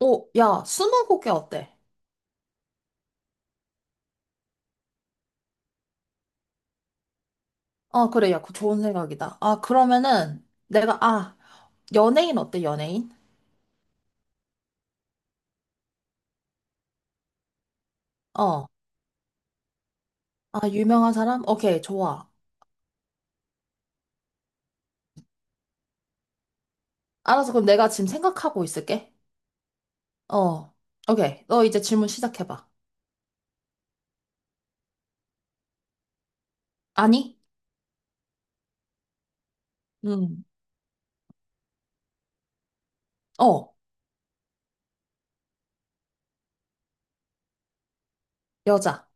오, 야, 스무고개 어때? 아, 그래, 야, 그 좋은 생각이다. 아, 그러면은 연예인 어때, 연예인? 어, 아, 유명한 사람? 오케이, 좋아. 알았어, 그럼 내가 지금 생각하고 있을게. 어, 오케이, 너 이제 질문 시작해봐. 아니? 음, 어, 여자.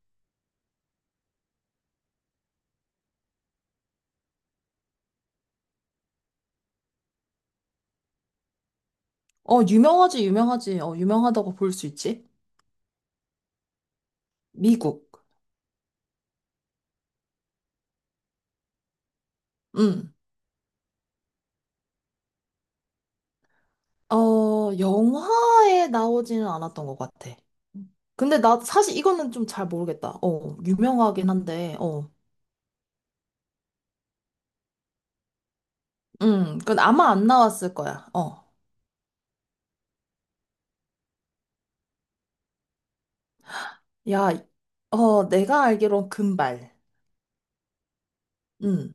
어, 유명하지, 유명하지. 유명하다고 볼 수 있지. 미국. 음, 어, 영화에 나오지는 않았던 것 같아. 근데 나 사실 이거는 좀 잘 모르겠다. 유명하긴 한데, 어. 그건 아마 안 나왔을 거야. 어. 야, 내가 알기론 금발. 음.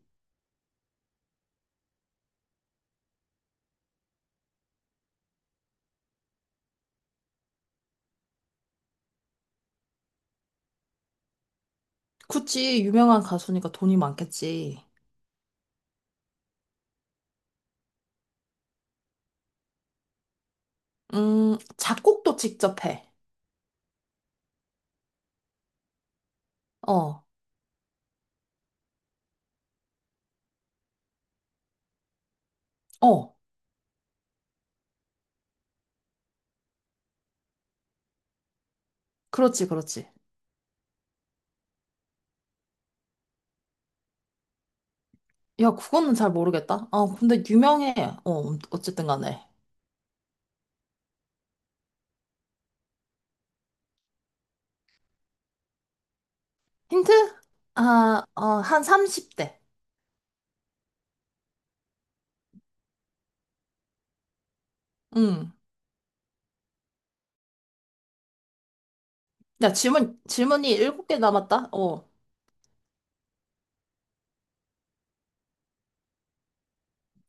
구찌 유명한 가수니까 돈이 많겠지. 작곡도 직접 해. 어, 어. 그렇지, 그렇지. 야, 그거는 잘 모르겠다. 어, 근데 유명해. 어, 어쨌든 간에. 힌트? 한 30대. 음. 야, 질문이 일곱 개 남았다. 어.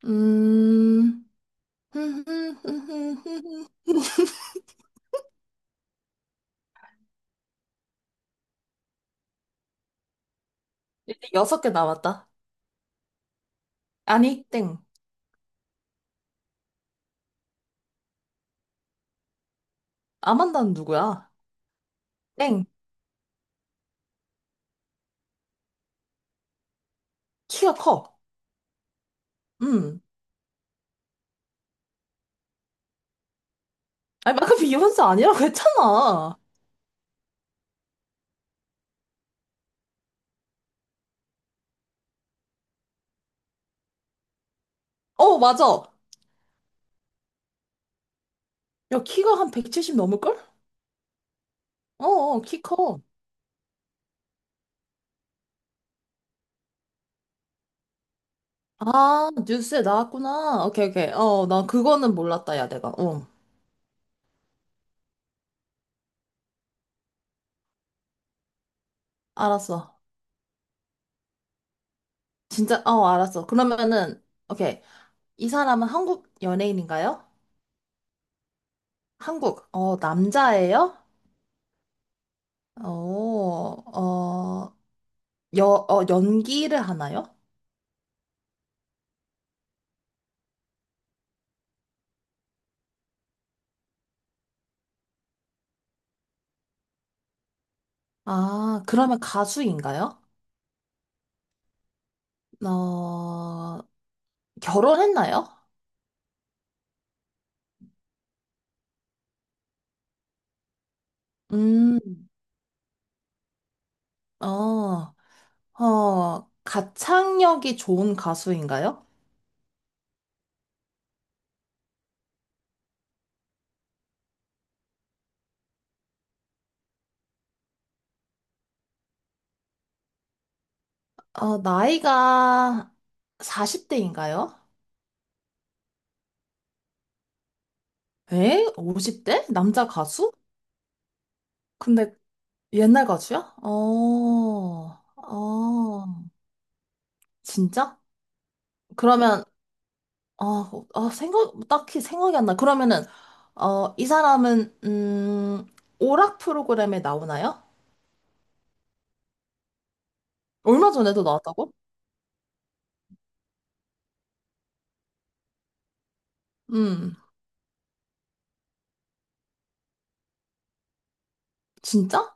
음. 이제 섯개 남았다. 아니, 땡. 아만다는 누구야? 땡. 키가 커. 음. 아니, 방금 비욘세 아니라고 했잖아. 어, 맞아. 야, 키가 한 170 넘을걸? 어, 어, 키 커. 아, 뉴스에 나왔구나. 오케이, 오케이. 어, 난 그거는 몰랐다, 야, 내가. 어, 알았어. 진짜, 어, 알았어. 그러면은, 오케이. 이 사람은 한국 연예인인가요? 한국. 어, 남자예요? 어, 어, 연기를 하나요? 아, 그러면 가수인가요? 어, 결혼했나요? 음, 어, 가창력이 좋은 가수인가요? 어, 나이가 40대인가요? 에? 50대? 남자 가수? 근데 옛날 가수야? 어, 어, 진짜? 그러면, 어, 어, 생각, 딱히 생각이 안 나. 이 사람은, 오락 프로그램에 나오나요? 얼마 전에도 나왔다고? 음, 진짜?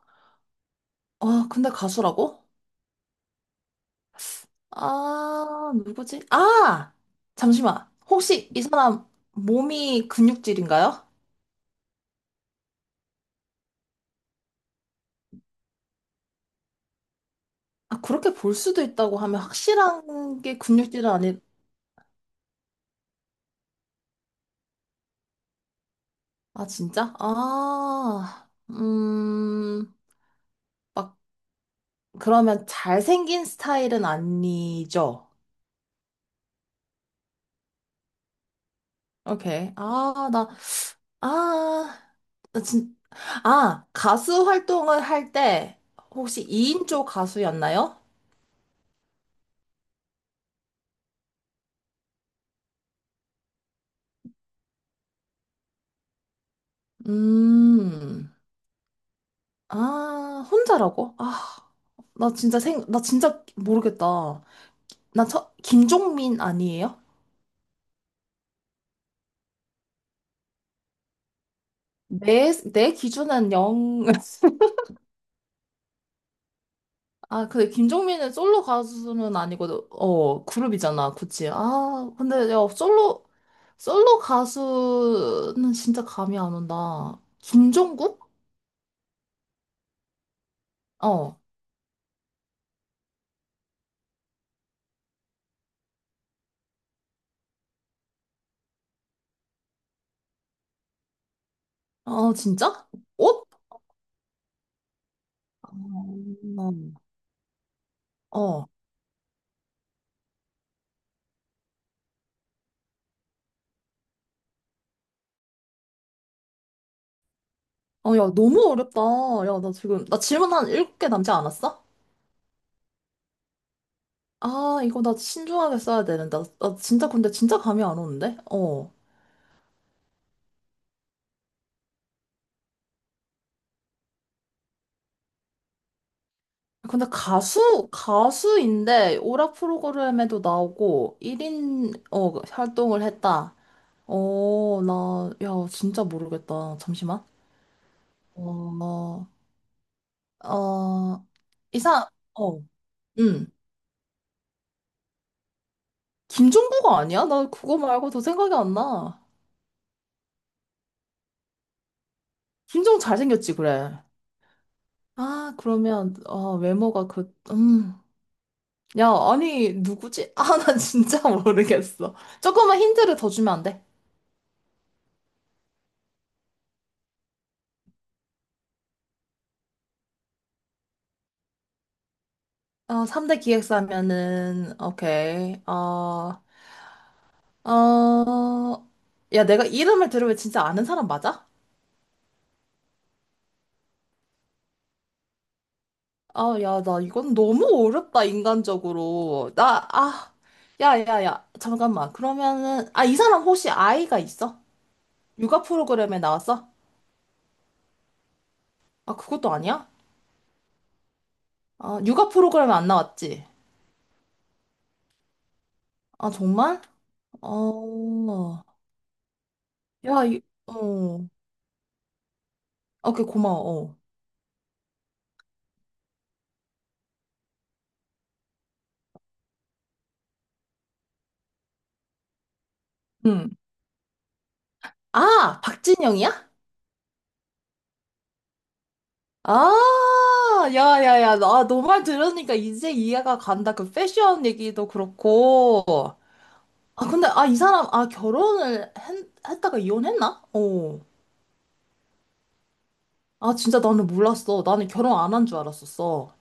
아, 근데 가수라고? 아, 누구지? 아! 잠시만. 혹시 이 사람 몸이 근육질인가요? 아, 그렇게 볼 수도 있다고 하면 확실한 게 근육질은 아니, 아, 진짜? 아, 막, 그러면 잘생긴 스타일은 아니죠? 오케이. 아, 나 진, 아, 가수 활동을 할 때 혹시 2인조 가수였나요? 음. 아, 혼자라고? 나 진짜 생, 나 진짜 모르겠다. 나 첫, 김종민 아니에요? 내, 내 기준은 영. 아, 근데 김종민은 솔로 가수는 아니고, 어, 그룹이잖아, 그치? 솔로 가수는 진짜 감이 안 온다. 김종국? 어, 어, 진짜? 옷? 음. 어, 어, 야, 너무 어렵다. 야, 나 지금, 나 질문 한 7개 남지 않았어? 아, 이거 나 신중하게 써야 되는데. 나, 나 진짜 근데 진짜 감이 안 오는데? 어. 근데 가수, 가수인데 오락 프로그램에도 나오고 1인 어, 활동을 했다. 야, 진짜 모르겠다. 잠시만. 어, 어, 이상, 어, 응. 김종부가 아니야? 나 그거 말고도 생각이 안 나. 김종 잘생겼지, 그래. 외모가 그, 야, 아니, 누구지? 아, 나 진짜 모르겠어. 조금만 힌트를 더 주면 안 돼? 어, 3대 기획사면은, 오케이. 어, 어, 야, 내가 이름을 들으면 진짜 아는 사람 맞아? 아, 야, 나 이건 너무 어렵다, 인간적으로. 야, 야, 야, 잠깐만. 그러면은, 아, 이 사람 혹시 아이가 있어? 육아 프로그램에 나왔어? 아, 그것도 아니야? 아, 육아 프로그램에 안 나왔지? 아, 정말? 어, 야, 이, 어. 오케이 고마워. 어. 응. 아, 박진영이야? 아, 야, 야, 야. 나 너 말 들으니까 이제 이해가 간다. 그 패션 얘기도 그렇고. 이 사람, 결혼을 했, 했다가 이혼했나? 어. 아, 진짜 나는 몰랐어. 나는 결혼 안 한 줄 알았었어.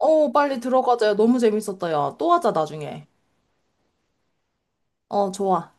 어, 빨리 들어가자. 야, 너무 재밌었다. 야, 또 하자, 나중에. 어, 좋아.